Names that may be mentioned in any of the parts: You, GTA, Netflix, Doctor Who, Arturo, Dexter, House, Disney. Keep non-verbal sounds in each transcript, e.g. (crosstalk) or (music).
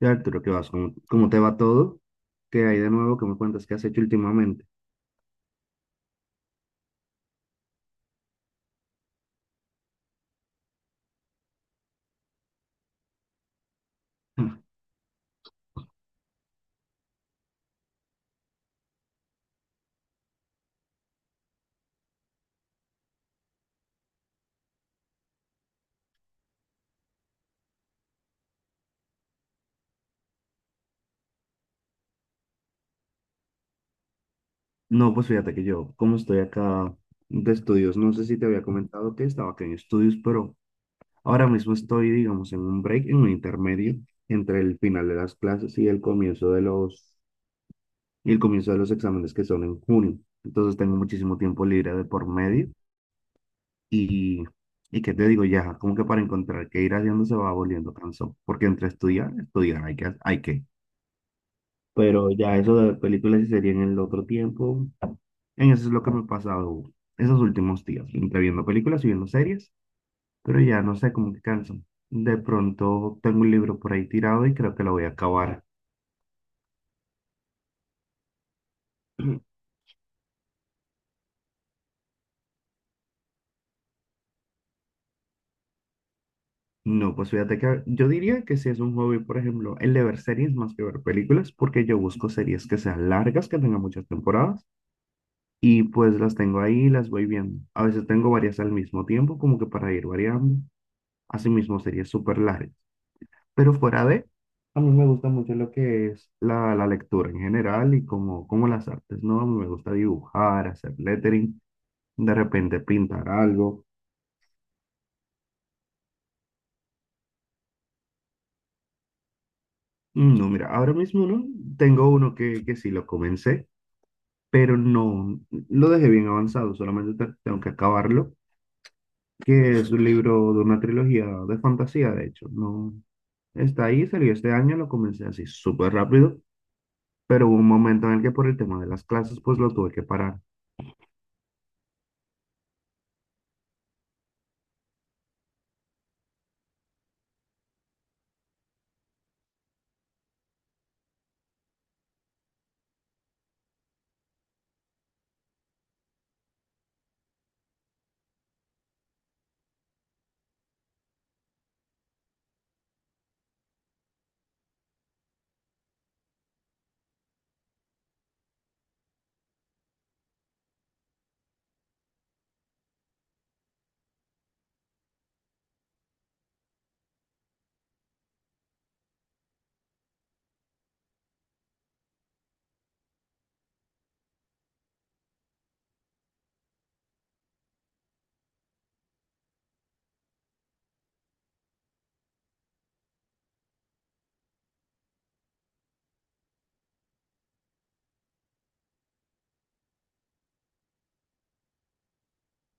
Y Arturo, ¿qué vas? ¿¿Cómo te va todo? ¿Qué hay de nuevo? ¿Qué me cuentas? ¿Qué has hecho últimamente? Ah, no, pues fíjate que yo, como estoy acá de estudios, no sé si te había comentado que estaba acá en estudios, pero ahora mismo estoy, digamos, en un break, en un intermedio entre el final de las clases y el comienzo de los, y el comienzo de los exámenes que son en junio. Entonces tengo muchísimo tiempo libre de por medio y, y qué te digo, ya, como que para encontrar qué ir haciendo se va volviendo cansón, porque entre estudiar, estudiar, hay que, hay que. Pero ya eso de películas y series en el otro tiempo, en eso es lo que me ha pasado esos últimos días, entre viendo películas y viendo series, pero ya no sé cómo que canso. De pronto tengo un libro por ahí tirado y creo que lo voy a acabar. (clears throat) No, pues fíjate que yo diría que si es un hobby, por ejemplo, el de ver series más que ver películas, porque yo busco series que sean largas, que tengan muchas temporadas, y pues las tengo ahí y las voy viendo. A veces tengo varias al mismo tiempo, como que para ir variando. Asimismo, series súper largas. Pero fuera de, a mí me gusta mucho lo que es la, la lectura en general y como, como las artes, ¿no? A mí me gusta dibujar, hacer lettering, de repente pintar algo. Mm, no, mira, ahora mismo no, tengo uno que sí lo comencé, pero no, lo dejé bien avanzado, solamente tengo que acabarlo, que es un libro de una trilogía de fantasía, de hecho, no, está ahí, salió este año, lo comencé así súper rápido, pero hubo un momento en el que por el tema de las clases, pues lo tuve que parar.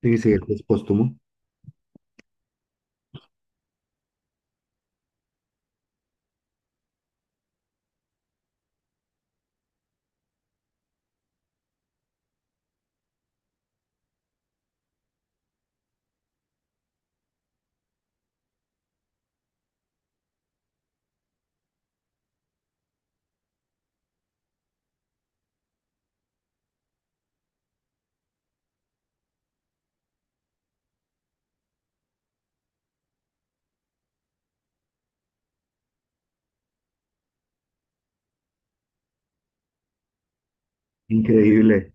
Sí, sí, este es póstumo. Increíble.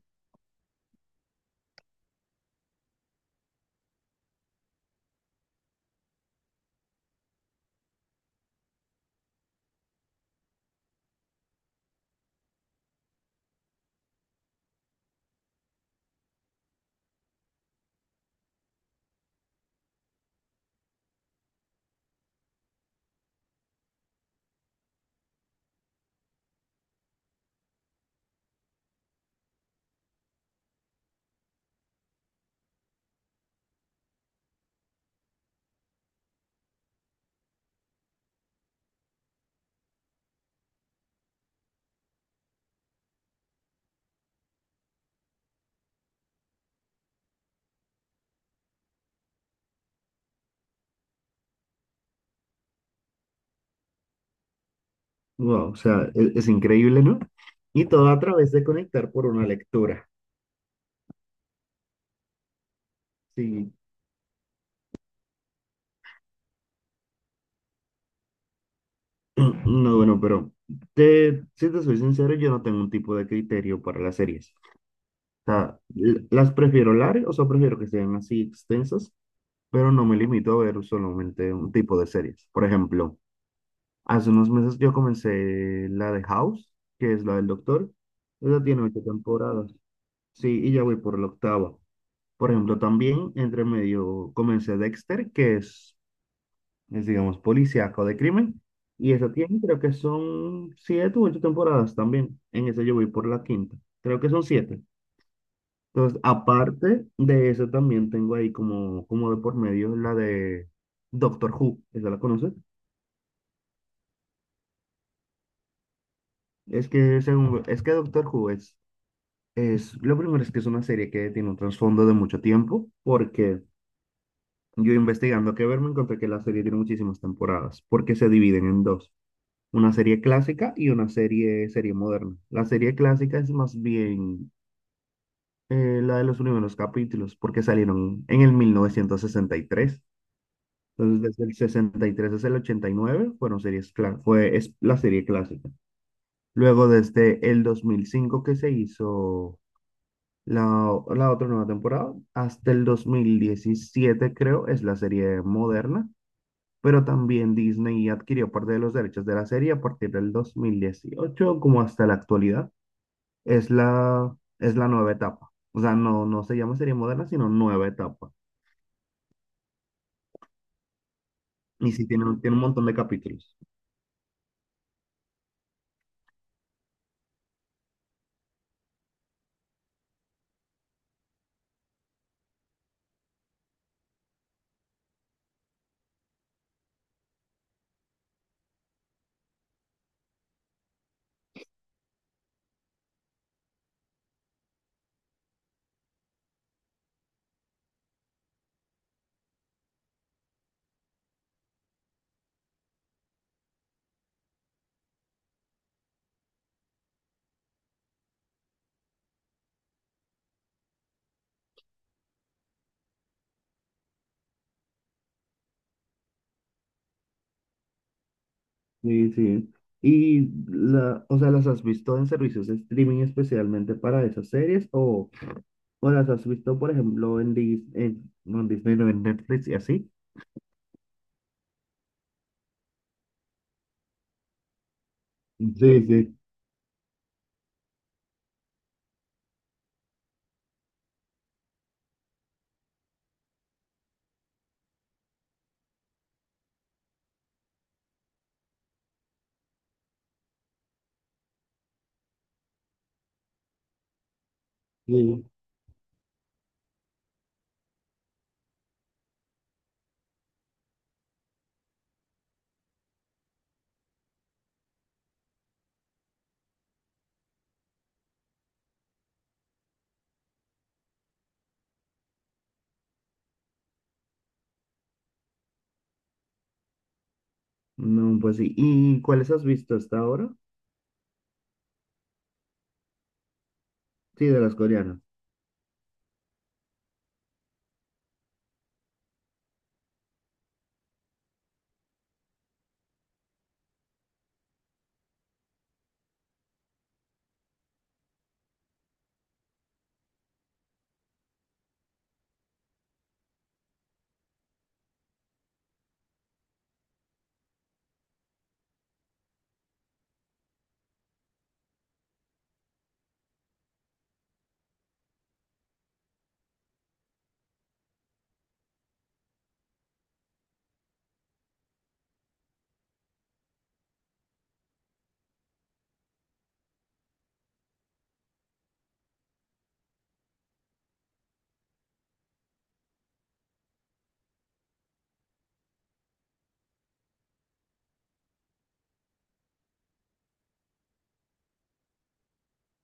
Wow, o sea, increíble, ¿no? Y todo a través de conectar por una lectura. Sí. (clears throat) No, bueno, pero te, si te soy sincero, yo no tengo un tipo de criterio para las series. O sea, las prefiero largas, o sea, prefiero que sean así extensas, pero no me limito a ver solamente un tipo de series. Por ejemplo, hace unos meses yo comencé la de House, que es la del doctor. Esa tiene ocho temporadas. Sí, y ya voy por la octava. Por ejemplo, también entre medio comencé Dexter, que es, digamos, policíaco de crimen, y esa tiene, creo que son siete u ocho temporadas también. En esa yo voy por la quinta, creo que son siete. Entonces, aparte de eso, también tengo ahí como, como de por medio la de Doctor Who, ¿esa la conoces? Es que, según, es que Doctor Who es, lo primero es que es una serie que tiene un trasfondo de mucho tiempo, porque yo investigando que ver me encontré que la serie tiene muchísimas temporadas, porque se dividen en dos, una serie clásica y una serie, serie moderna. La serie clásica es más bien la de los primeros capítulos, porque salieron en el 1963. Entonces, desde el 63 hasta el 89 fueron series cla- fue es la serie clásica. Luego, desde el 2005 que se hizo la otra nueva temporada, hasta el 2017 creo, es la serie moderna. Pero también Disney adquirió parte de los derechos de la serie a partir del 2018 como hasta la actualidad. Es la nueva etapa. O sea, no, no se llama serie moderna, sino nueva etapa. Y sí, tiene, tiene un montón de capítulos. Sí, sí. Y, la, o sea, ¿las has visto en servicios de streaming especialmente para esas series? O las has visto, por ejemplo, en, Disney, no, en Netflix y así? Sí, sí, sí. No, pues sí. ¿Y cuáles has visto hasta ahora? Sí, de las coreanas.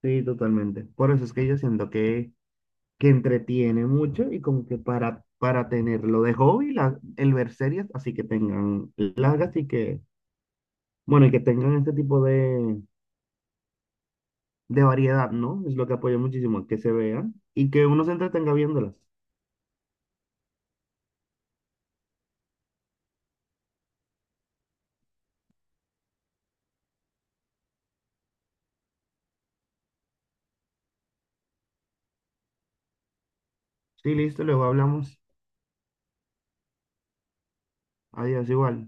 Sí, totalmente. Por eso es que yo siento que entretiene mucho y como que para tenerlo de hobby, el ver series, así que tengan largas y que, bueno, y que tengan este tipo de variedad, ¿no? Es lo que apoya muchísimo, que se vean y que uno se entretenga viéndolas. Sí, listo, luego hablamos. Adiós, igual.